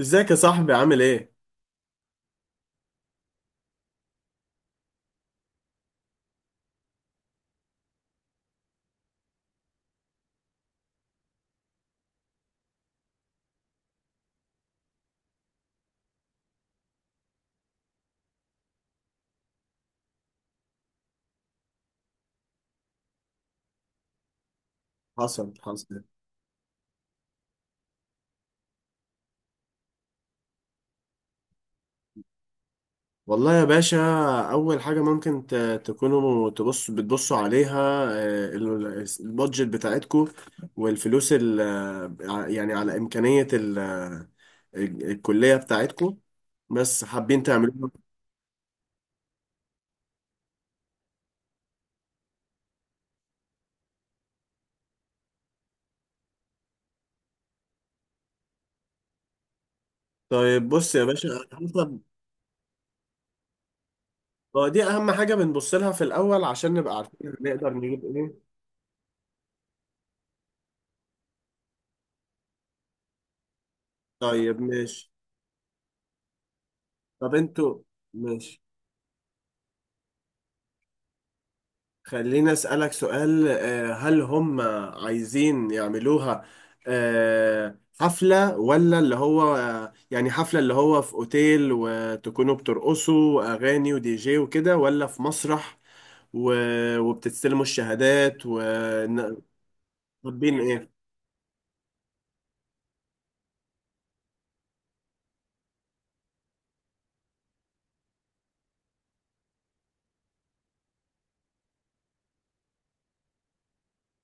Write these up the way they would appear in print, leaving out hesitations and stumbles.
ازيك يا صاحبي عامل ايه؟ حصل حصل. والله يا باشا، اول حاجة ممكن تكونوا بتبصوا عليها البادجت بتاعتكو، والفلوس يعني على امكانية الكلية بتاعتكو، بس حابين تعملوها. طيب بص يا باشا، حسب. هو دي اهم حاجة بنبص لها في الاول عشان نبقى عارفين نقدر نجيب ايه. طيب ماشي. طب انتوا. ماشي. خليني أسألك سؤال، هل هم عايزين يعملوها حفلة، ولا اللي هو يعني حفلة اللي هو في أوتيل وتكونوا بترقصوا وأغاني ودي جي وكده، ولا في مسرح وبتستلموا الشهادات وطالبين إيه؟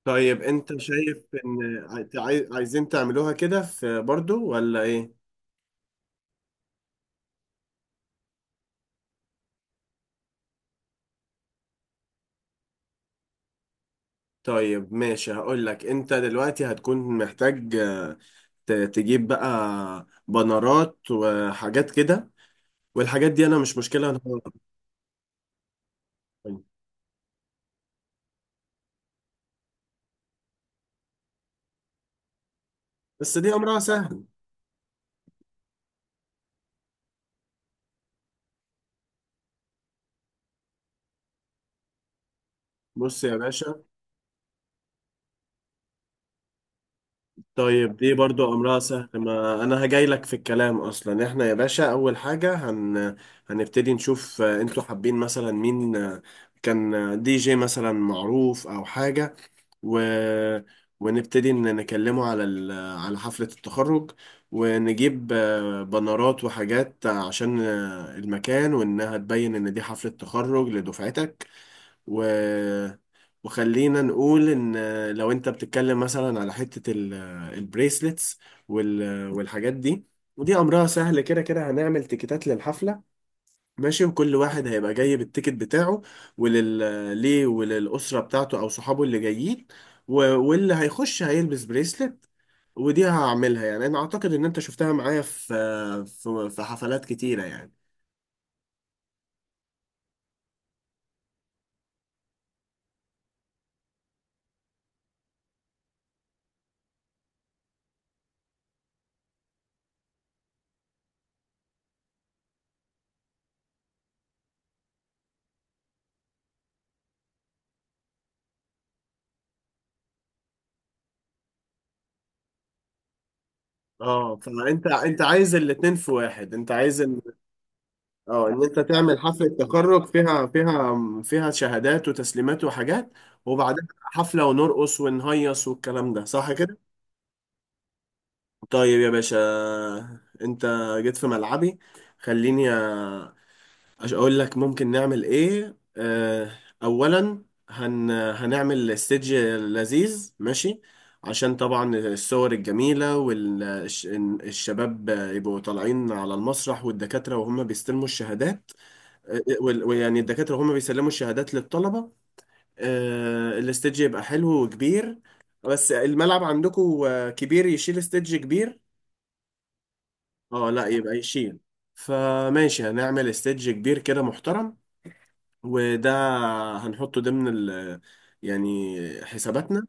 طيب أنت شايف إن عايزين تعملوها كده في برضو ولا إيه؟ طيب ماشي، هقول لك انت دلوقتي هتكون محتاج تجيب بقى بنرات وحاجات كده، والحاجات دي انا مش مشكلة انا هقولها. بس دي امرها سهل. بص يا باشا. طيب دي برضو امرها سهل، ما انا هجاي لك في الكلام. اصلا احنا يا باشا اول حاجة هنبتدي نشوف انتوا حابين مثلا مين، آه، كان آه، دي جي مثلا معروف او حاجة، و... ونبتدي إن نكلمه على على حفلة التخرج، ونجيب بنرات وحاجات عشان المكان وإنها تبين إن دي حفلة تخرج لدفعتك، و... وخلينا نقول إن، لو أنت بتتكلم مثلا على حتة البريسلتس والحاجات دي. ودي أمرها سهل، كده كده هنعمل تيكيتات للحفلة، ماشي، وكل واحد هيبقى جاي بالتيكت بتاعه ليه وللأسرة بتاعته أو صحابه اللي جايين، واللي هيخش هيلبس بريسلت. ودي هعملها، يعني أنا أعتقد إن أنت شفتها معايا في حفلات كتيرة يعني. اه، فأنت عايز الاتنين في واحد، أنت عايز إن، اه، إن أنت تعمل حفلة تخرج فيها شهادات وتسليمات وحاجات، وبعدها حفلة ونرقص ونهيص والكلام ده، صح كده؟ طيب يا باشا، انت جيت في ملعبي. خليني اقول لك ممكن نعمل ايه. اه، اولا هنعمل استيدج لذيذ، ماشي، عشان طبعا الصور الجميلة والشباب يبقوا طالعين على المسرح والدكاترة وهم بيستلموا الشهادات. ويعني الدكاترة وهم بيسلموا الشهادات للطلبة، اه، الاستيدج يبقى حلو وكبير. بس الملعب عندكم كبير يشيل استيدج كبير. اه، لا يبقى يشيل. فماشي، هنعمل استيدج كبير كده محترم، وده هنحطه ضمن يعني حساباتنا.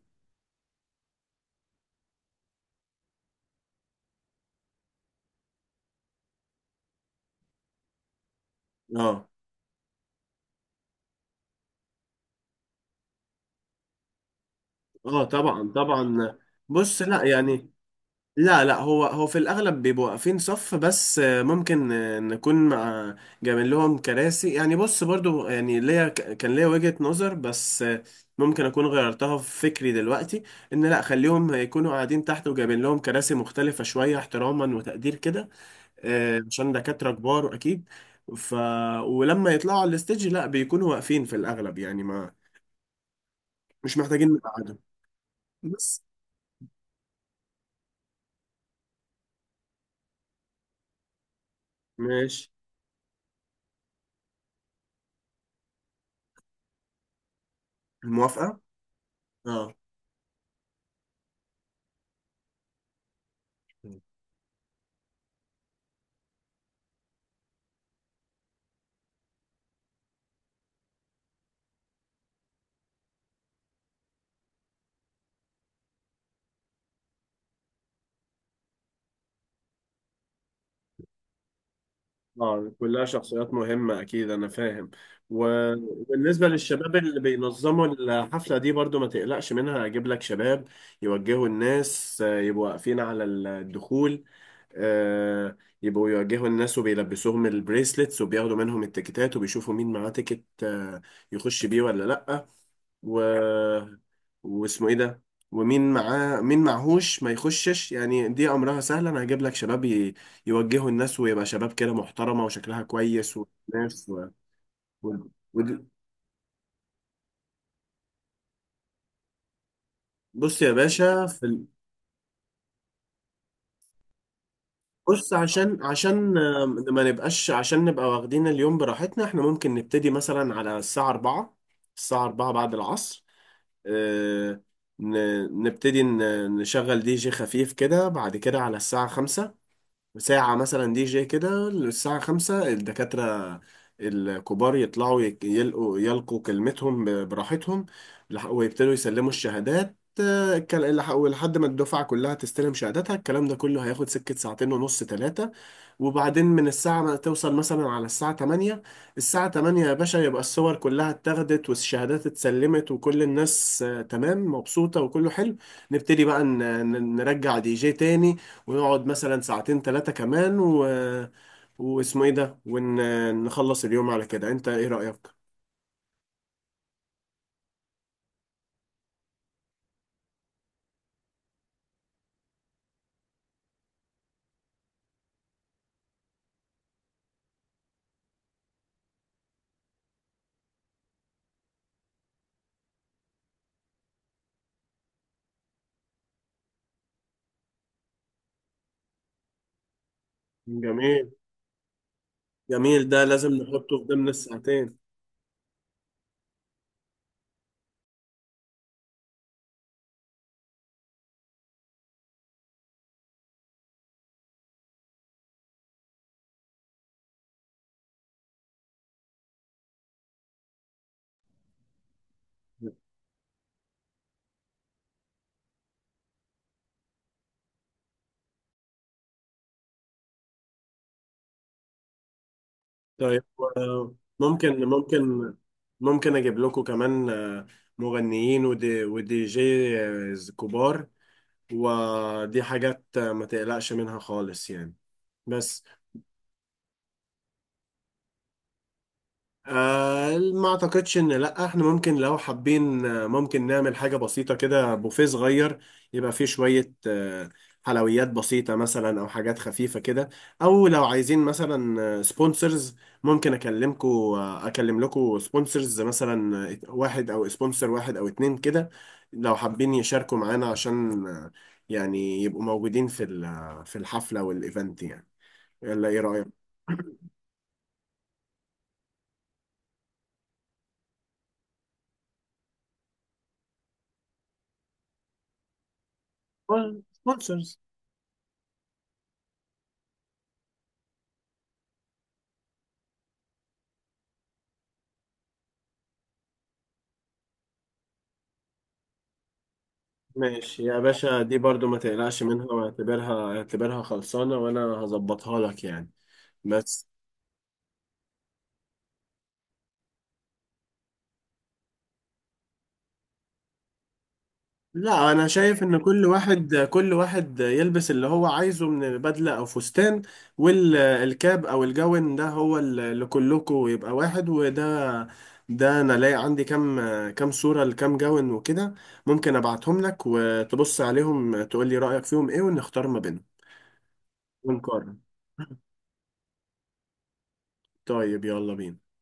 اه اه. طبعا طبعا. بص، لا يعني. لا، هو في الاغلب بيبقوا واقفين صف، بس ممكن نكون مع جايبين لهم كراسي. يعني بص برضو، يعني ليا كان ليا وجهة نظر بس، ممكن اكون غيرتها في فكري دلوقتي، ان لا خليهم يكونوا قاعدين تحت وجايبين لهم كراسي مختلفة شوية احتراما وتقدير كده، عشان دكاترة كبار أكيد. ف، ولما يطلعوا على الستيج لا، بيكونوا واقفين في الأغلب يعني، ما مش محتاجين نقعدهم. بس ماشي. الموافقة؟ اه. اه، كلها شخصيات مهمة أكيد، أنا فاهم. وبالنسبة للشباب اللي بينظموا الحفلة دي برضو ما تقلقش منها، أجيب لك شباب يوجهوا الناس، يبقوا واقفين على الدخول، آه، يبقوا يواجهوا الناس وبيلبسوهم البريسلتس وبياخدوا منهم التيكتات وبيشوفوا مين معاه تيكت، يخش بيه ولا لأ، و... واسمه ايه ده، ومين معاه مين معهوش ما يخشش. يعني دي أمرها سهل، أنا هجيب لك شباب يوجهوا الناس، ويبقى شباب كده محترمة وشكلها كويس وناس و... ود- بص يا باشا، في بص، عشان ما نبقاش، عشان نبقى واخدين اليوم براحتنا، احنا ممكن نبتدي مثلا على الساعة 4، الساعة 4 بعد العصر. آه، نبتدي نشغل دي جي خفيف كده، بعد كده على الساعة 5، ساعة مثلا دي جي كده، للساعة 5 الدكاترة الكبار يطلعوا يلقوا كلمتهم براحتهم، ويبتدوا يسلموا الشهادات، ولحد ما الدفعة كلها تستلم شهاداتها. الكلام ده كله هياخد سكة ساعتين ونص ثلاثة. وبعدين من الساعة ما توصل مثلا على الساعة 8، الساعة 8 يا باشا يبقى الصور كلها اتاخدت والشهادات اتسلمت وكل الناس تمام مبسوطة وكله حلو. نبتدي بقى نرجع دي جي تاني، ونقعد مثلا ساعتين ثلاثة كمان، واسمه ايه ده، ونخلص اليوم على كده. انت ايه رأيك؟ جميل، جميل، ده لازم نحطه في ضمن الساعتين. طيب. ممكن ممكن اجيب لكم كمان، مغنيين ودي جي كبار، ودي حاجات ما تقلقش منها خالص يعني. بس. آه، ما اعتقدش ان، لا، احنا ممكن لو حابين، ممكن نعمل حاجة بسيطة كده، بوفيه صغير يبقى فيه شوية حلويات بسيطة مثلا، او حاجات خفيفة كده، او لو عايزين مثلا سبونسرز ممكن اكلمكو، اكلم لكو سبونسرز مثلا، واحد او سبونسر واحد او اتنين كده، لو حابين يشاركوا معانا عشان، يعني يبقوا موجودين في في الحفلة والايفنت يعني. يلا ايه رأيك؟ سبونسرز. ماشي يا باشا، دي برضو ما تقلقش منها، واعتبرها خلصانة وانا هظبطها لك يعني. بس. لا، انا شايف ان كل واحد يلبس اللي هو عايزه من بدلة او فستان، والكاب او الجون ده هو اللي كلكم يبقى واحد. وده، ده انا لاقي عندي كام، كام صورة لكام جون وكده، ممكن ابعتهم لك وتبص عليهم تقول لي رأيك فيهم ايه ونختار ما بينهم ونقارن. طيب يلا بينا.